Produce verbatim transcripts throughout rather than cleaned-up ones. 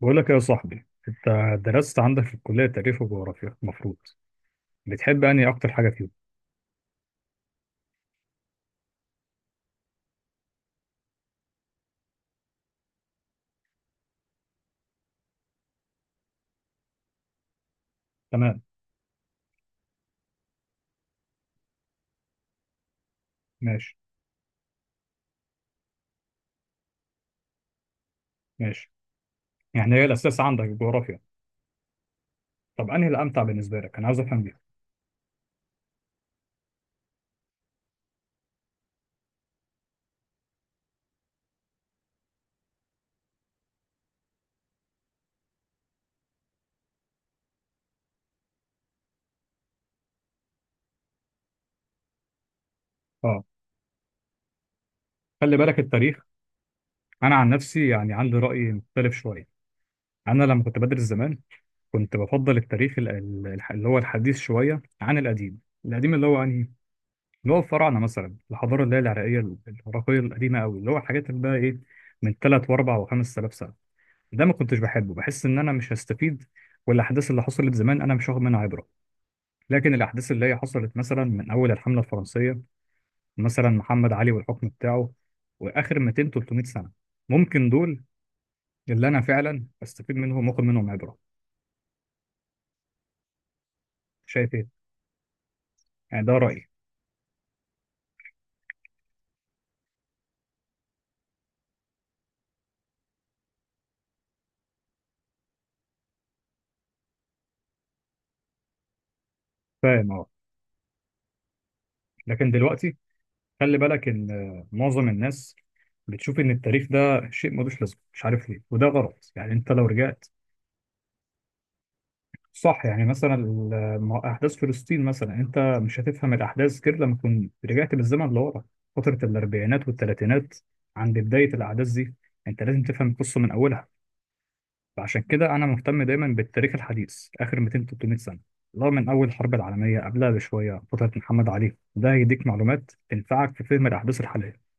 بقول لك يا صاحبي، انت درست عندك في الكليه تاريخ وجغرافيا، المفروض بتحب انهي اكتر حاجه فيهم؟ تمام. ماشي. ماشي، يعني هي الاساس عندك الجغرافيا. طب انهي الامتع بالنسبه لك؟ انا عايز افهم دي. اه، خلي بالك التاريخ، انا عن نفسي يعني عندي راي مختلف شويه. انا لما كنت بدرس زمان كنت بفضل التاريخ ال- ال- الح- اللي هو الحديث شويه عن القديم. القديم اللي هو انهي، اللي هو الفراعنه مثلا، الحضاره اللي هي العراقيه العراقيه القديمه قوي، اللي هو الحاجات اللي بقى ايه، من ثلاثة و4 و5000 سنه، ده ما كنتش بحبه، بحس ان انا مش هستفيد، والاحداث اللي حصلت زمان انا مش واخد منها عبره. لكن الاحداث اللي هي حصلت مثلا من اول الحمله الفرنسيه، مثلا محمد علي والحكم بتاعه، واخر ميتين تلتميه سنه، ممكن دول اللي انا فعلا استفيد منهم واخد منهم عبره. شايف ايه؟ يعني ده رايي. فاهم اه. لكن دلوقتي خلي بالك ان آه، معظم الناس بتشوف ان التاريخ ده شيء ملوش لازمه، مش عارف ليه، وده غلط. يعني انت لو رجعت، صح، يعني مثلا ال- ما هو احداث فلسطين مثلا، انت مش هتفهم الاحداث غير لما تكون رجعت بالزمن لورا، فتره الاربعينات والثلاثينات، عند بدايه الاحداث دي انت لازم تفهم القصه من اولها. فعشان كده انا مهتم دايما بالتاريخ الحديث، اخر ميتين ثلاثمئة سنه، اللي هو من اول الحرب العالميه، قبلها بشويه فتره محمد علي، ده هيديك معلومات تنفعك في فهم الاحداث الحاليه.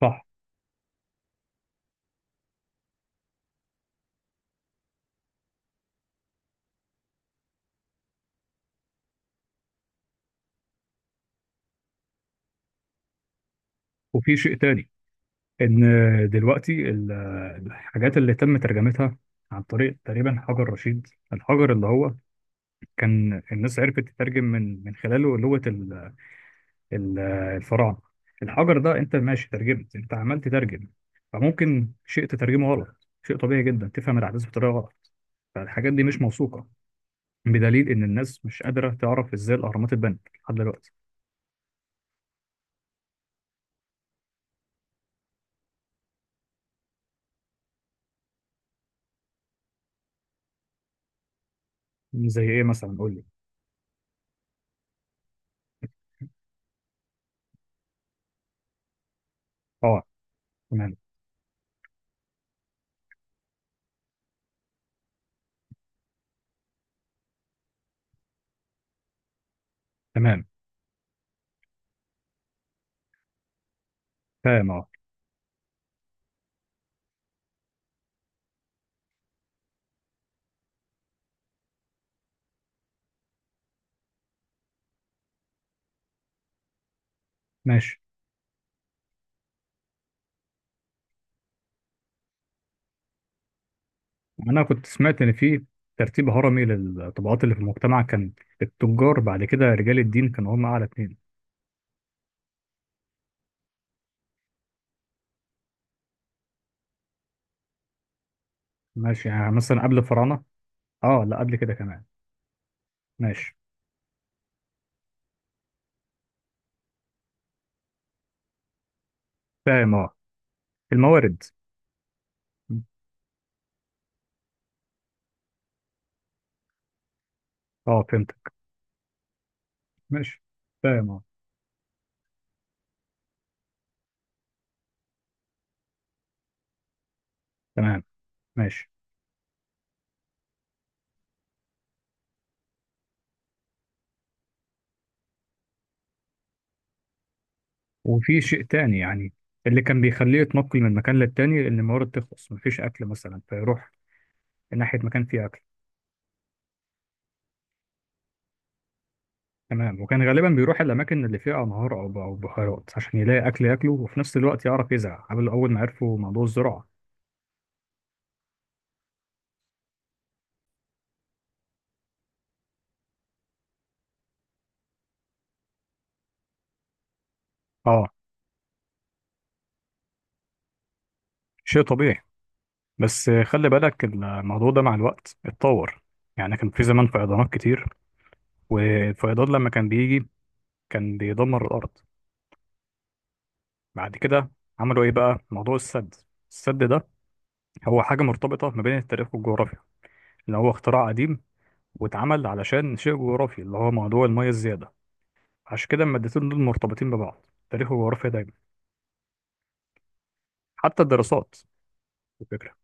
صح. وفي شيء تاني، ان دلوقتي ال- الحاجات اللي تم ترجمتها عن طريق تقريبا حجر رشيد، الحجر اللي هو كان الناس عرفت تترجم من من خلاله لغة ال- ال- الفراعنة الحجر ده انت ماشي ترجمت، انت عمال تترجم، فممكن شيء تترجمه غلط، شيء طبيعي جدا تفهم الأحداث بطريقة غلط. فالحاجات دي مش موثوقة بدليل إن الناس مش قادرة تعرف إزاي الأهرامات اتبنت لحد دلوقتي. زي إيه مثلا؟ قول لي. أه تمام. تمام. فاهم أه. ماشي. أنا كنت سمعت إن في ترتيب هرمي للطبقات اللي في المجتمع، كان التجار بعد كده رجال الدين كانوا هم أعلى اتنين. ماشي، يعني مثلا قبل الفراعنة. اه لا، قبل كده كمان. ماشي. فاهم اه. الموارد. اه فهمتك. ماشي. فاهم اه. تمام. ماشي. وفي شيء تاني يعني، اللي كان بيخليه يتنقل من مكان للتاني ان الموارد تخلص، مفيش اكل مثلا فيروح ناحية مكان فيه اكل. تمام، وكان غالبا بيروح الاماكن اللي فيها انهار او او بحيرات عشان يلاقي اكل ياكله وفي نفس الوقت يعرف يزرع قبل اول ما عرفوا موضوع الزراعة. اه. شيء طبيعي. بس خلي بالك الموضوع ده مع الوقت اتطور. يعني كان في زمان فيضانات كتير، والفيضان لما كان بيجي كان بيدمر الأرض. بعد كده عملوا إيه بقى؟ موضوع السد. السد ده هو حاجة مرتبطة ما بين التاريخ والجغرافيا، اللي هو اختراع قديم واتعمل علشان شيء جغرافي، اللي هو موضوع المية الزيادة. عشان كده المادتين دول مرتبطين ببعض، تاريخ وجغرافيا دايما. حتى الدراسات. الفكرة.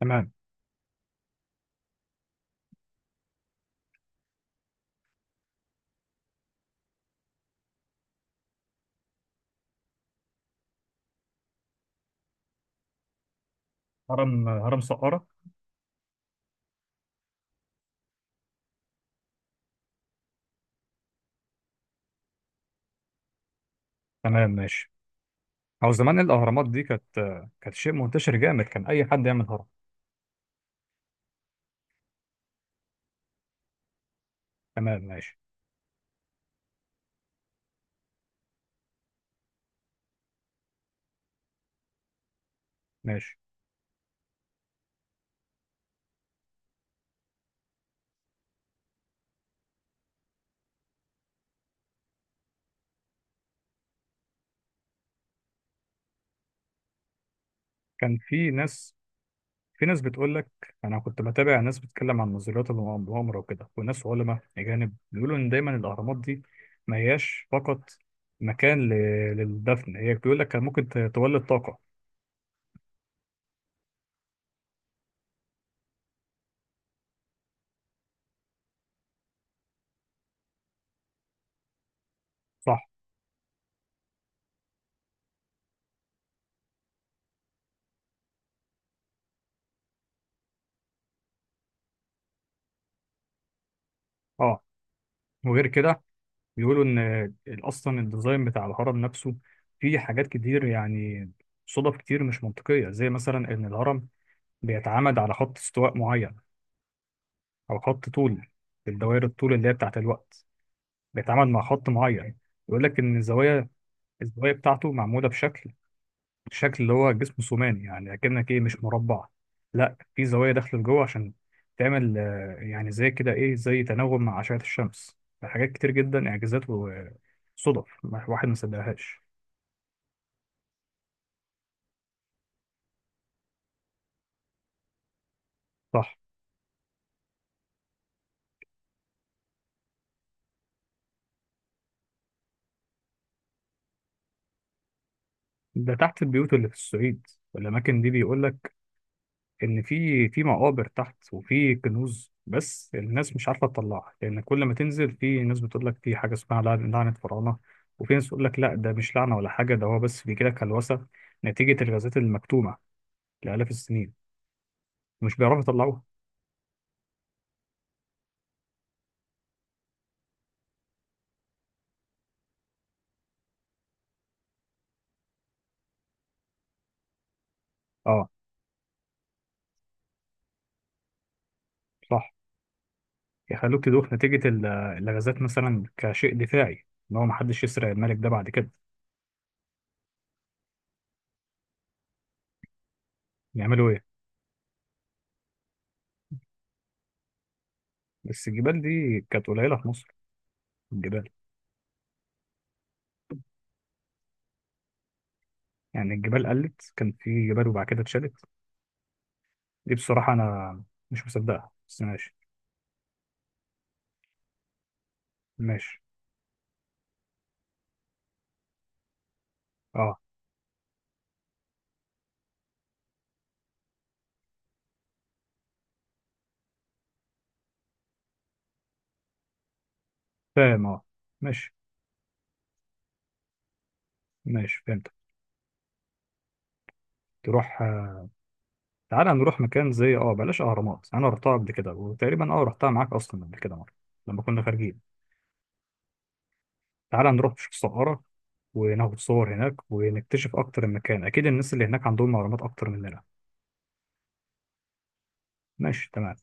تمام. هرم هرم سقارة. تمام ماشي. أو زمان الأهرامات دي كانت كانت شيء منتشر جامد، كان أي حد يعمل هرم. تمام ماشي. ماشي. كان في ناس، في ناس بتقول لك، انا كنت بتابع ناس بتتكلم عن نظريات المؤامره وكده، وناس علماء اجانب بيقولوا ان دايما الاهرامات دي ما هياش فقط مكان ل- للدفن هي بيقول لك كان ممكن ت- تولد طاقه. صح. اه. وغير كده بيقولوا ان اصلا الديزاين بتاع الهرم نفسه فيه حاجات كتير يعني، صدف كتير مش منطقيه زي مثلا ان الهرم بيتعامد على خط استواء معين او خط طول، الدوائر الطول اللي هي بتاعت الوقت، بيتعامد مع خط معين. يقول لك ان الزوايا، الزوايا بتاعته معمولة بشكل، شكل اللي هو جسم ثماني، يعني أكنك إيه، مش مربع، لا في زوايا داخلة لجوه عشان تعمل آه، يعني زي كده إيه، زي تناغم مع أشعة الشمس. حاجات كتير جدا إعجازات وصدف، ما- واحد ما صدقهاش. صح. ده تحت البيوت اللي في الصعيد والأماكن دي بيقول لك ان في في مقابر تحت وفي كنوز، بس الناس مش عارفه تطلعها، لان كل ما تنزل في ناس بتقول لك في حاجه اسمها لعن- لعنه فراعنه، وفي ناس بتقول لك لا ده مش لعنه ولا حاجه، ده هو بس بيجي لك هلوسه نتيجه الغازات المكتومه لالاف السنين، مش بيعرفوا يطلعوها. اه. صح، يخلوك تدوخ نتيجه ال- الغازات مثلا كشيء دفاعي ان هو محدش يسرق الملك ده بعد كده. يعملوا ايه؟ بس الجبال دي كانت قليله في مصر، الجبال. يعني الجبال قلت كان في جبال وبعد كده اتشالت. دي بصراحة أنا مش مصدقها بس ماشي. ماشي. أه. فاهم أه. ماشي. ماشي فهمت. تروح آه. تعالى نروح مكان زي أه بلاش أهرامات، أنا رحتها قبل كده، وتقريبا أه رحتها معاك أصلا قبل كده مرة لما كنا خارجين. تعالى نروح نشوف السقارة وناخد صور هناك ونكتشف أكتر المكان، أكيد الناس اللي هناك عندهم أهرامات أكتر مننا. ماشي تمام.